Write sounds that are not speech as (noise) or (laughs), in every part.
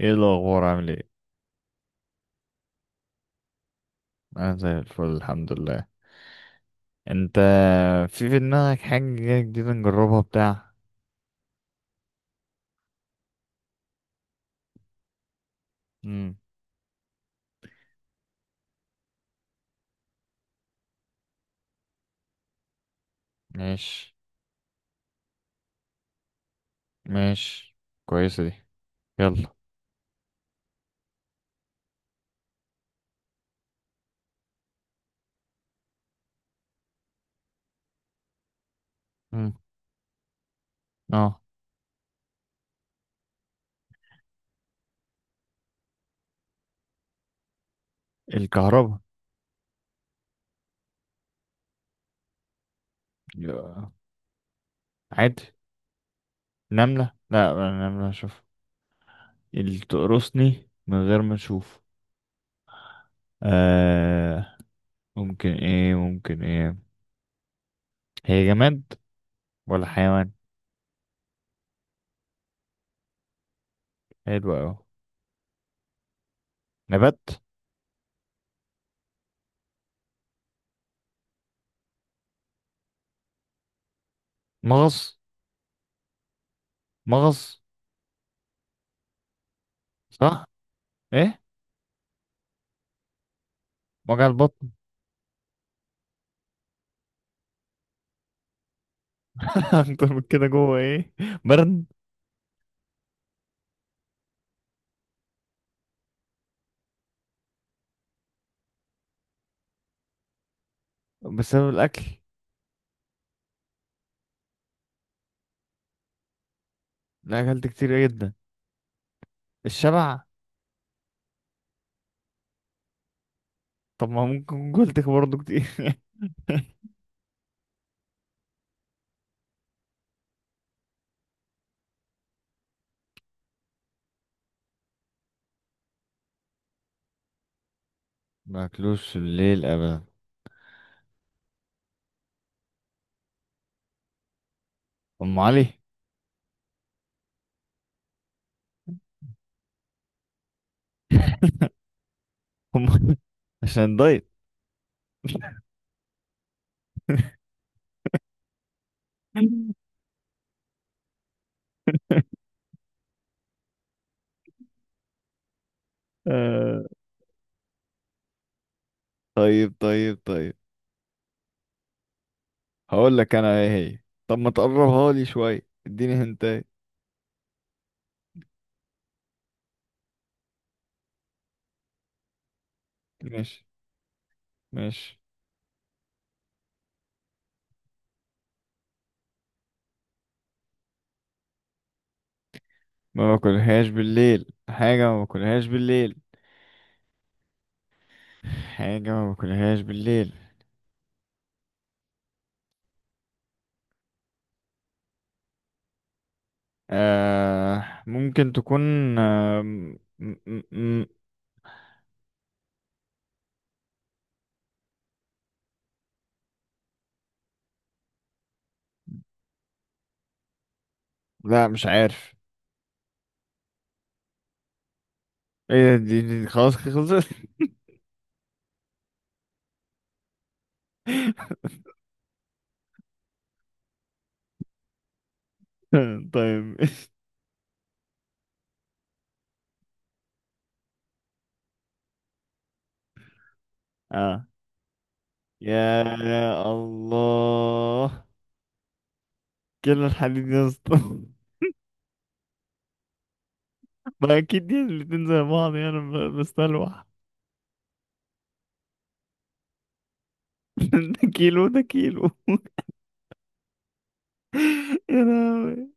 ايه الاخبار عامل ايه؟ انا زي الفل الحمد لله. انت؟ في دماغك حاجه جديده نجربها بتاع؟ امم ماشي. ماشي. كويسه دي. يلا. امم اه. الكهرباء. يا. عادي. نمله، لا نمله اشوف. اللي تقرصني من غير ما اشوف. آه ممكن ايه، ممكن ايه؟ هي جماد ولا حيوان؟ حلو اوي. نبات؟ مغص. مغص. صح. ايه؟ وجع البطن. (laughs) اكتر من كده جوه ايه؟ برد؟ بسبب الاكل. لا، اكلت كتير جدا. الشبع. طب ما ممكن أكون قلت برضه كتير. (laughs) ما اكلوش الليل ابدا. ام علي. (laughs) ام علي عشان الدايت. (laughs) آه، طيب طيب طيب. هقول لك انا ايه هي. طب ما تقربها لي شويه، اديني هنتاي. ماشي. ماشي. ما باكلهاش بالليل، حاجه ما باكلهاش بالليل، حاجه ما باكلهاش بالليل. آه ممكن تكون. آه م م م لا مش عارف. ايه دي, دي خلاص خلصت. (laughs) طيب. اه. يا الله. كل الحديد يا اسطى. (laughs) ما اكيد دي الاتنين زي بعض يعني، انا بستلوح. (laughs) ده كيلو، ده كيلو. (laughs) يا لهوي.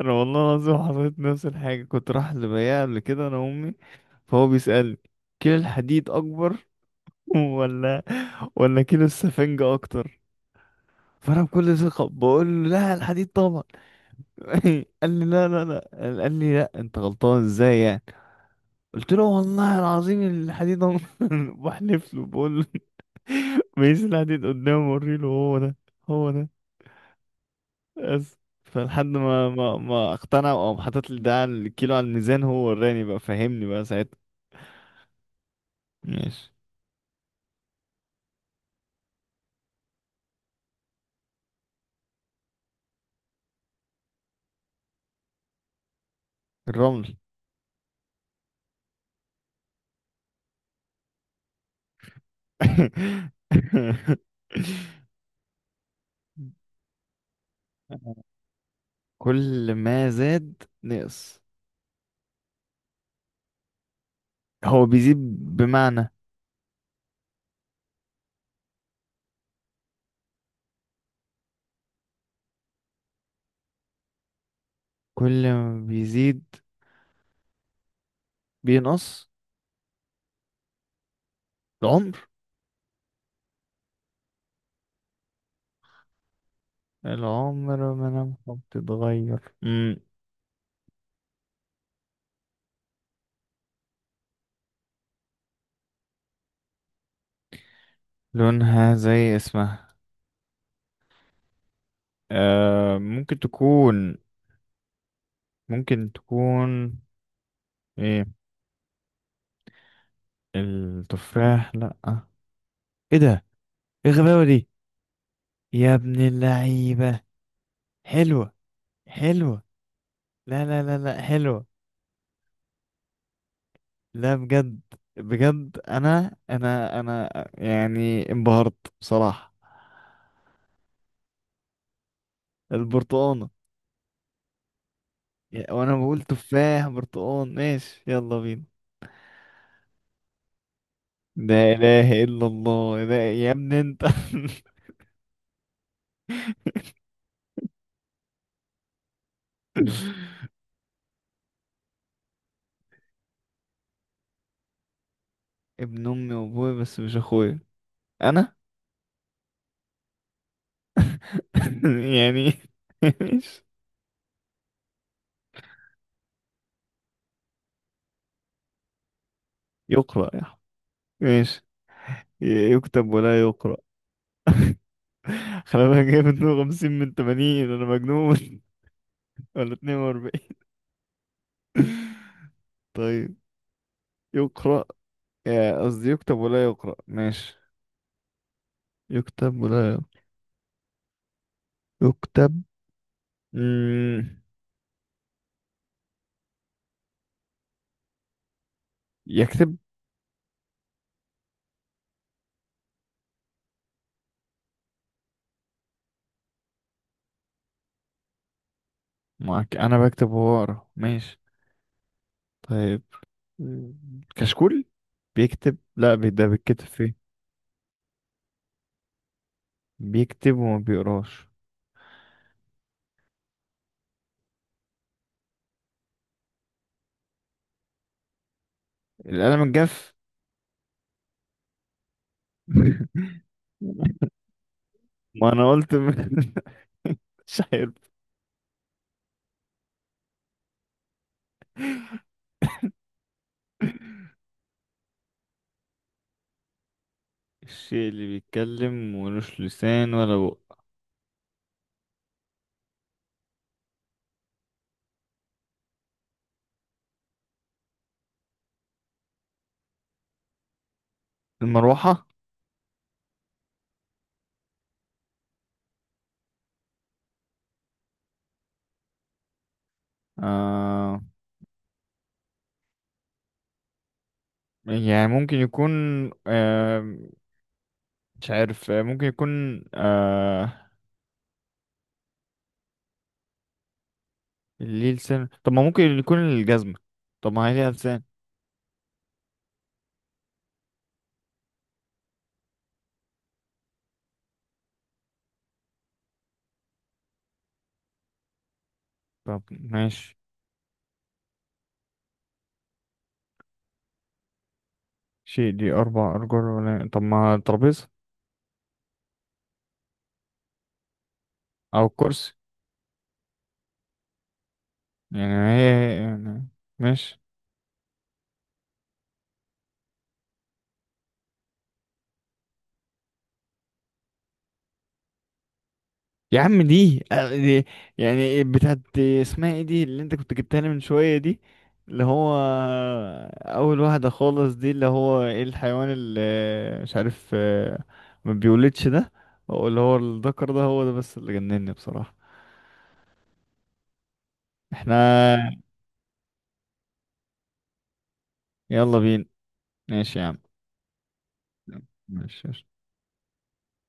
انا والله العظيم حصلت نفس الحاجه. كنت رايح لبياع قبل كده انا وامي، فهو بيسالني: كيلو الحديد اكبر ولا كيلو السفنجة اكتر؟ فانا بكل ثقة بقول له: لا الحديد طبعا. (laughs) قال لي: لا لا لا. قال لي: لا انت غلطان. ازاي يعني؟ قلت له: والله العظيم الحديد. (laughs) بحلف له بقول له. (laughs) ميس الحديد قدامه وري له: هو ده، هو ده بس. فلحد ما اقتنع، او حاطط لي ده على الكيلو على الميزان هو وراني بقى فهمني بقى ساعتها. ماشي. الرمل. (laughs) كل ما زاد نقص. هو بيزيد بمعنى. كل ما بيزيد بينقص. العمر. العمر ملامحه بتتغير. مم. لونها زي اسمها. آه ممكن تكون، ممكن تكون ايه؟ التفاح لأ. ايه ده؟ ايه الغباوة دي؟ يا ابن اللعيبة. حلوة حلوة. لا لا لا لا، حلوة. لا بجد، بجد، انا يعني انبهرت بصراحة. البرتقانة. يا- وانا بقول تفاح برتقان. ماشي، يلا بينا. لا اله الا الله. لا يا ابني انت. (laughs) ابن امي وابوي بس مش اخويا، انا. (laughs) يعني. (laughs) ماشي. يقرأ يا أحمد. ماشي. ي- يكتب ولا يقرأ. (laughs) خلي بالك جايب 52 من 80، انا مجنون؟ (laughs) ولا 42. (laughs) طيب. يقرأ، يا قصدي يكتب ولا يقرأ. ماشي. يكتب ولا يق- يكتب. مم. يكتب. معك، أنا بكتب وهو يقرأ. ماشي. طيب. مم. كشكول. بيكتب، لا بي- ده بيتكتب فيه. بيكتب وما بيقراش. القلم الجاف. (laughs) ما أنا قلت م- (laughs) مش عارف. الشيء اللي بيتكلم ملوش لسان ولا بق. المروحة. آه يعني ممكن يكون. آه مش عارف. آه، ممكن يكون. آه ليه لسان؟ طب ما ممكن يكون الجزمة. طب ما هي ليها لسان. طب ماشي. شيء دي أربع أرجل ولا طب ما الترابيزة. أو الكرسي. يعني هي هي- يعني ماشي. يا عم دي, آه، دي يعني بتاعت، اسمها ايه دي اللي انت كنت جبتها لي من شوية؟ دي اللي هو أول واحدة خالص، دي اللي هو ايه الحيوان اللي مش عارف آه، ما بيولدش ده، اللي هو الذكر ده. هو ده بس اللي جنني بصراحة. احنا يلا بينا. ماشي يا عم. ماشي.